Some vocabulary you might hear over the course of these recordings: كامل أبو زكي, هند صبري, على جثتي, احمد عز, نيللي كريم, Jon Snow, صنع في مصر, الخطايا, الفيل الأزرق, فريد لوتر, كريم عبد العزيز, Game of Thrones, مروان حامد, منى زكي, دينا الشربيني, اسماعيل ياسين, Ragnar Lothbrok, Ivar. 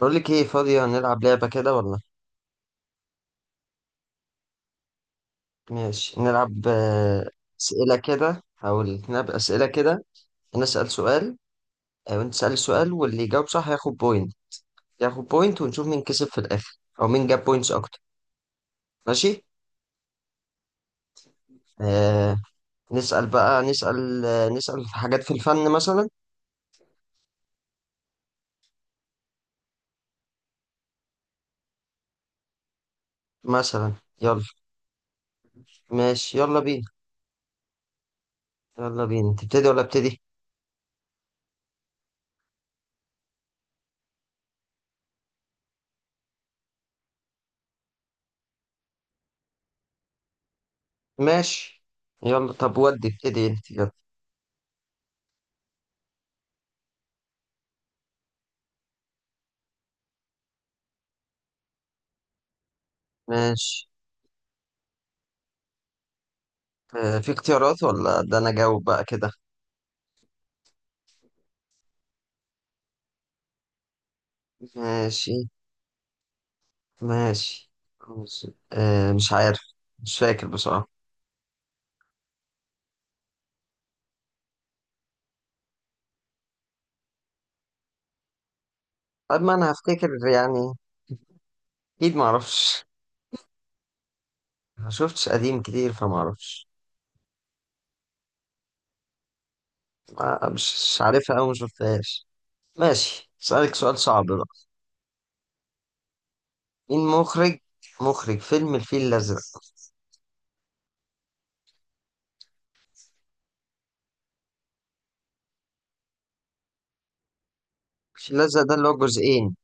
بقول لك ايه، فاضية نلعب لعبة كده ولا؟ ماشي نلعب. أسئلة كده. هقول نلعب أسئلة كده. أنا أسأل سؤال وأنت تسأل سؤال واللي يجاوب صح ياخد بوينت. ياخد بوينت ونشوف مين كسب في الآخر أو مين جاب بوينتس أكتر. ماشي. آه نسأل بقى، نسأل نسأل في حاجات في الفن مثلا. مثلا يلا. ماشي يلا بينا. يلا بينا، تبتدي ولا ابتدي؟ ماشي يلا، طب ودي ابتدي انت. يلا. ماشي. في اختيارات ولا ده انا جاوب بقى كده؟ ماشي ماشي ماشي. آه، مش عارف. مش فاكر بصراحة. طب ما أنا هفتكر يعني، أكيد معرفش. ما شفتش قديم كتير فمعرفش. مش عارفها أو مشفتهاش. ماشي، أسألك سؤال صعب بقى. مين مخرج، مخرج فيلم الفيل الأزرق؟ الفيل الأزرق ده اللي هو جزئين،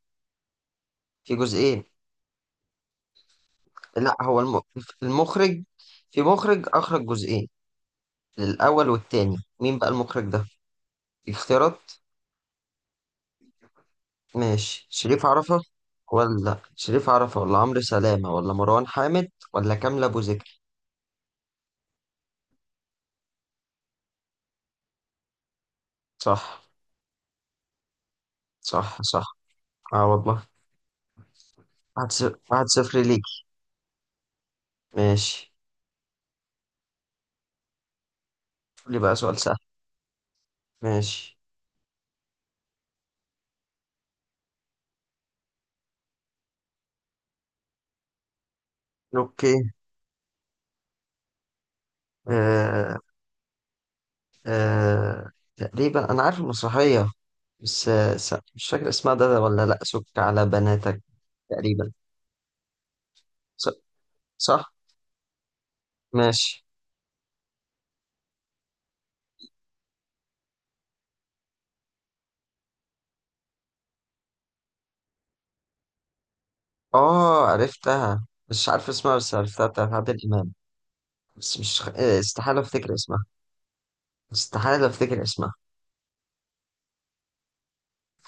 في جزئين. لا هو الم... المخرج، في مخرج أخرج جزئين، الأول والتاني، مين بقى المخرج ده؟ اختيارات. ماشي، شريف عرفة. ولا شريف عرفة ولا عمرو سلامة ولا مروان حامد ولا كامل أبو زكي؟ صح. صح صح. اه والله. واحد صفر، واحد صفر ليك. ماشي، قول لي بقى سؤال سهل. ماشي. اوكي. آه. آه. تقريبا انا عارف المسرحية، بس مش فاكر اسمها ده ولا لا، سك على بناتك. تقريبا. ص- صح. ماشي. اه عرفتها، مش عارف اسمها بس عرفتها، بتاعت عادل امام. بس مش استحالة افتكر اسمها. استحالة أفتكر اسمها.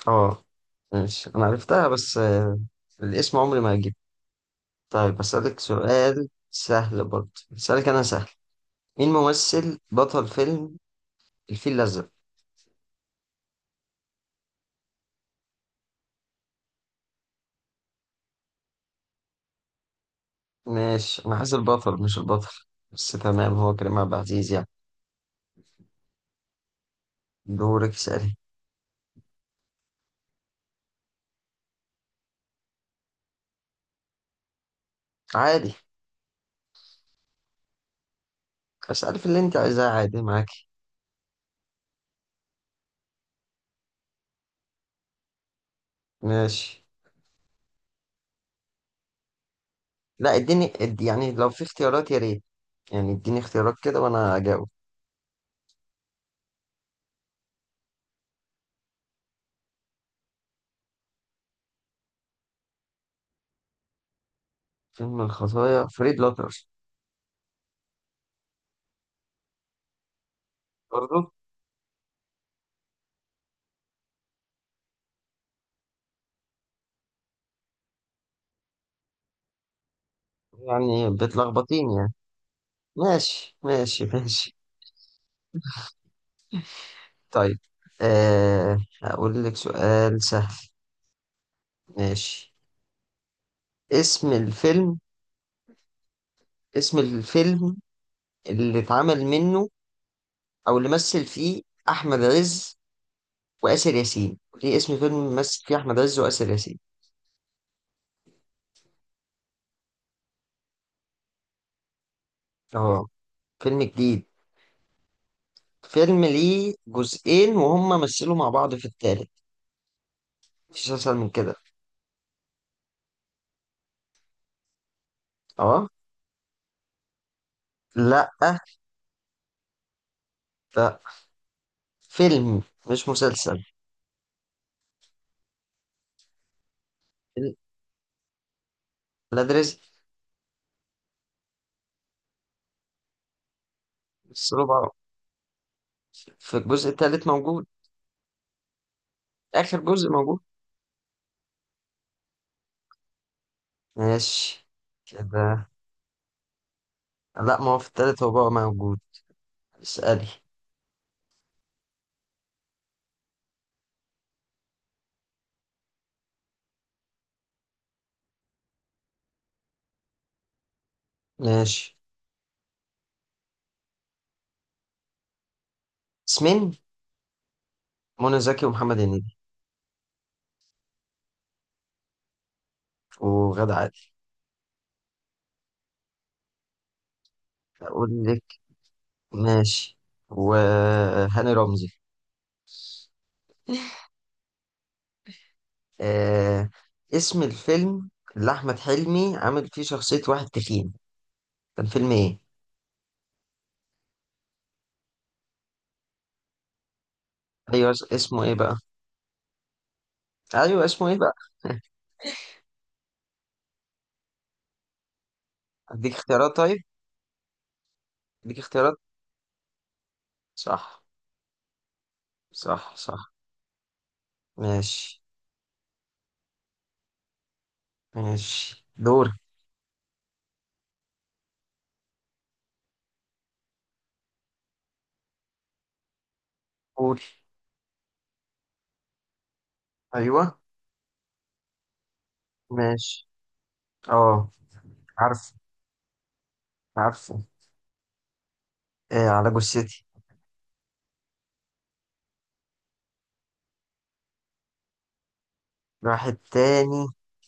اه. ماشي، أنا عرفتها بس الاسم عمري ما هجيبه. طيب أسألك سؤال سهل برضه، أسألك أنا سهل. مين ممثل بطل فيلم الفيل الأزرق؟ ماشي، أنا عايز البطل مش البطل، بس تمام هو كريم عبد العزيز يعني. دورك اسألي. عادي، اسألي في اللي أنت عايزاه، عادي معاكي. ماشي. لا اديني يعني لو في اختيارات يا ريت، يعني اديني اختيارات كده وأنا أجاوب. فيلم الخطايا فريد لوتر. برضه؟ يعني بتلخبطيني يعني. ماشي ماشي ماشي. طيب، هقول لك سؤال سهل. ماشي. اسم الفيلم، اسم الفيلم اللي اتعمل منه او اللي مثل فيه احمد عز واسر ياسين. ليه اسم فيلم مثل فيه احمد عز واسر ياسين؟ اه فيلم جديد، فيلم ليه جزئين وهم مثلوا مع بعض في التالت. مفيش اسهل من كده. اه. لا لا. فيلم، مش مسلسل. لا ده رزق. مثلوا مع بعض في الجزء التالت موجود. آخر جزء موجود. ماشي كده. لا ما هو في التالت هو بقى موجود. اسألي. ماشي، اسمين. منى زكي ومحمد هنيدي. وغادة عادل. أقول لك. ماشي. وهاني رمزي. آه... اسم الفيلم اللي أحمد حلمي عامل فيه شخصية واحد تخين، كان فيلم إيه؟ أيوه، اسمه إيه بقى؟ أيوه اسمه إيه بقى؟ أديك اختيارات طيب؟ أديك اختيارات. صح. صح صح. ماشي. ماشي دور. قول. أيوه. ماشي. اه. عارف، عارفه. آه على جثتي. واحد تاني،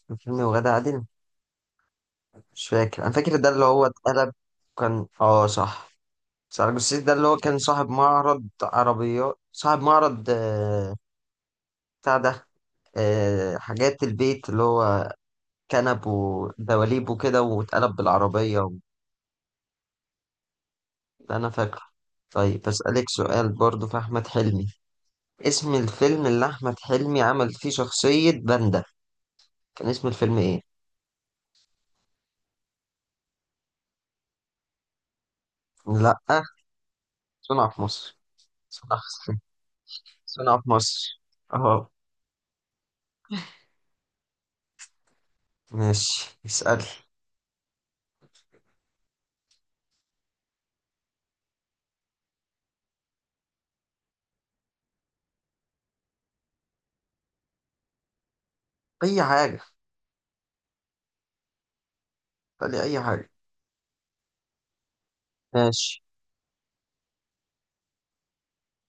كان فيلم وغادة عادل، مش فاكر انا، فاكر ده اللي هو اتقلب. كان اه صح. بس على جثتي ده اللي هو كان صاحب معرض عربيات، صاحب معرض بتاع ده، حاجات البيت، اللي هو كنب ودواليب وكده، واتقلب بالعربية و... ده انا فاكره. طيب بسألك سؤال برضو في أحمد حلمي. اسم الفيلم اللي أحمد حلمي عمل فيه شخصية باندا، كان اسم الفيلم إيه؟ لأ. صنع في مصر. صنع في صنع في مصر اهو. ماشي اسأل. اي حاجة، اسألي اي حاجة. ماشي.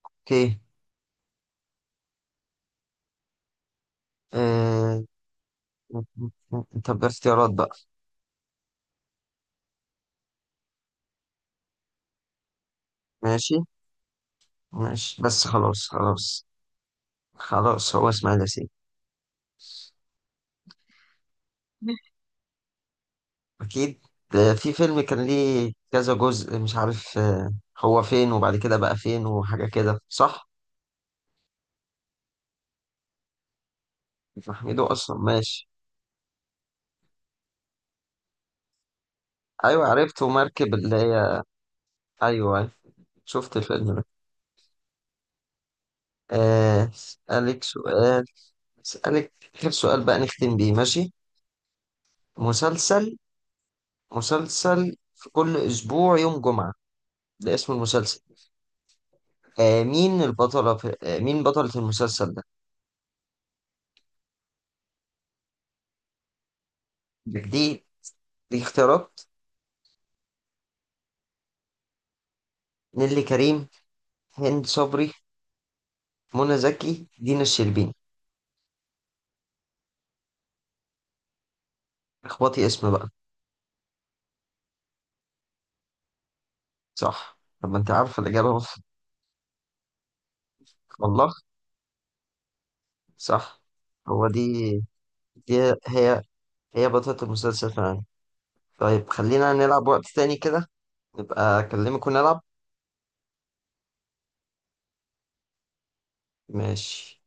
اوكي. آه... طب اختيارات بقى. ماشي ماشي، بس خلاص خلاص. خلاص هو اسماعيل ياسين. اكيد، في فيلم كان ليه كذا جزء مش عارف هو فين وبعد كده بقى فين وحاجة كده، صح؟ محمده اصلا. ماشي. ايوه عرفته، مركب اللي هي. ايوه أيوة. شفت الفيلم ده. أسألك سؤال. أسألك آخر سؤال بقى نختم بيه، ماشي؟ مسلسل، مسلسل في كل أسبوع يوم جمعة، ده اسم المسلسل. آه مين البطلة في آه مين بطلة المسلسل ده؟ دي، دي اختيارات. نيللي كريم، هند صبري، منى زكي، دينا الشربيني. اخبطي اسم بقى. صح. طب ما انت عارفة الإجابة أهو. والله. صح. هو دي دي هي هي بطلة المسلسل فعلا. طيب خلينا نلعب وقت تاني كده، نبقى أكلمك ونلعب. ماشي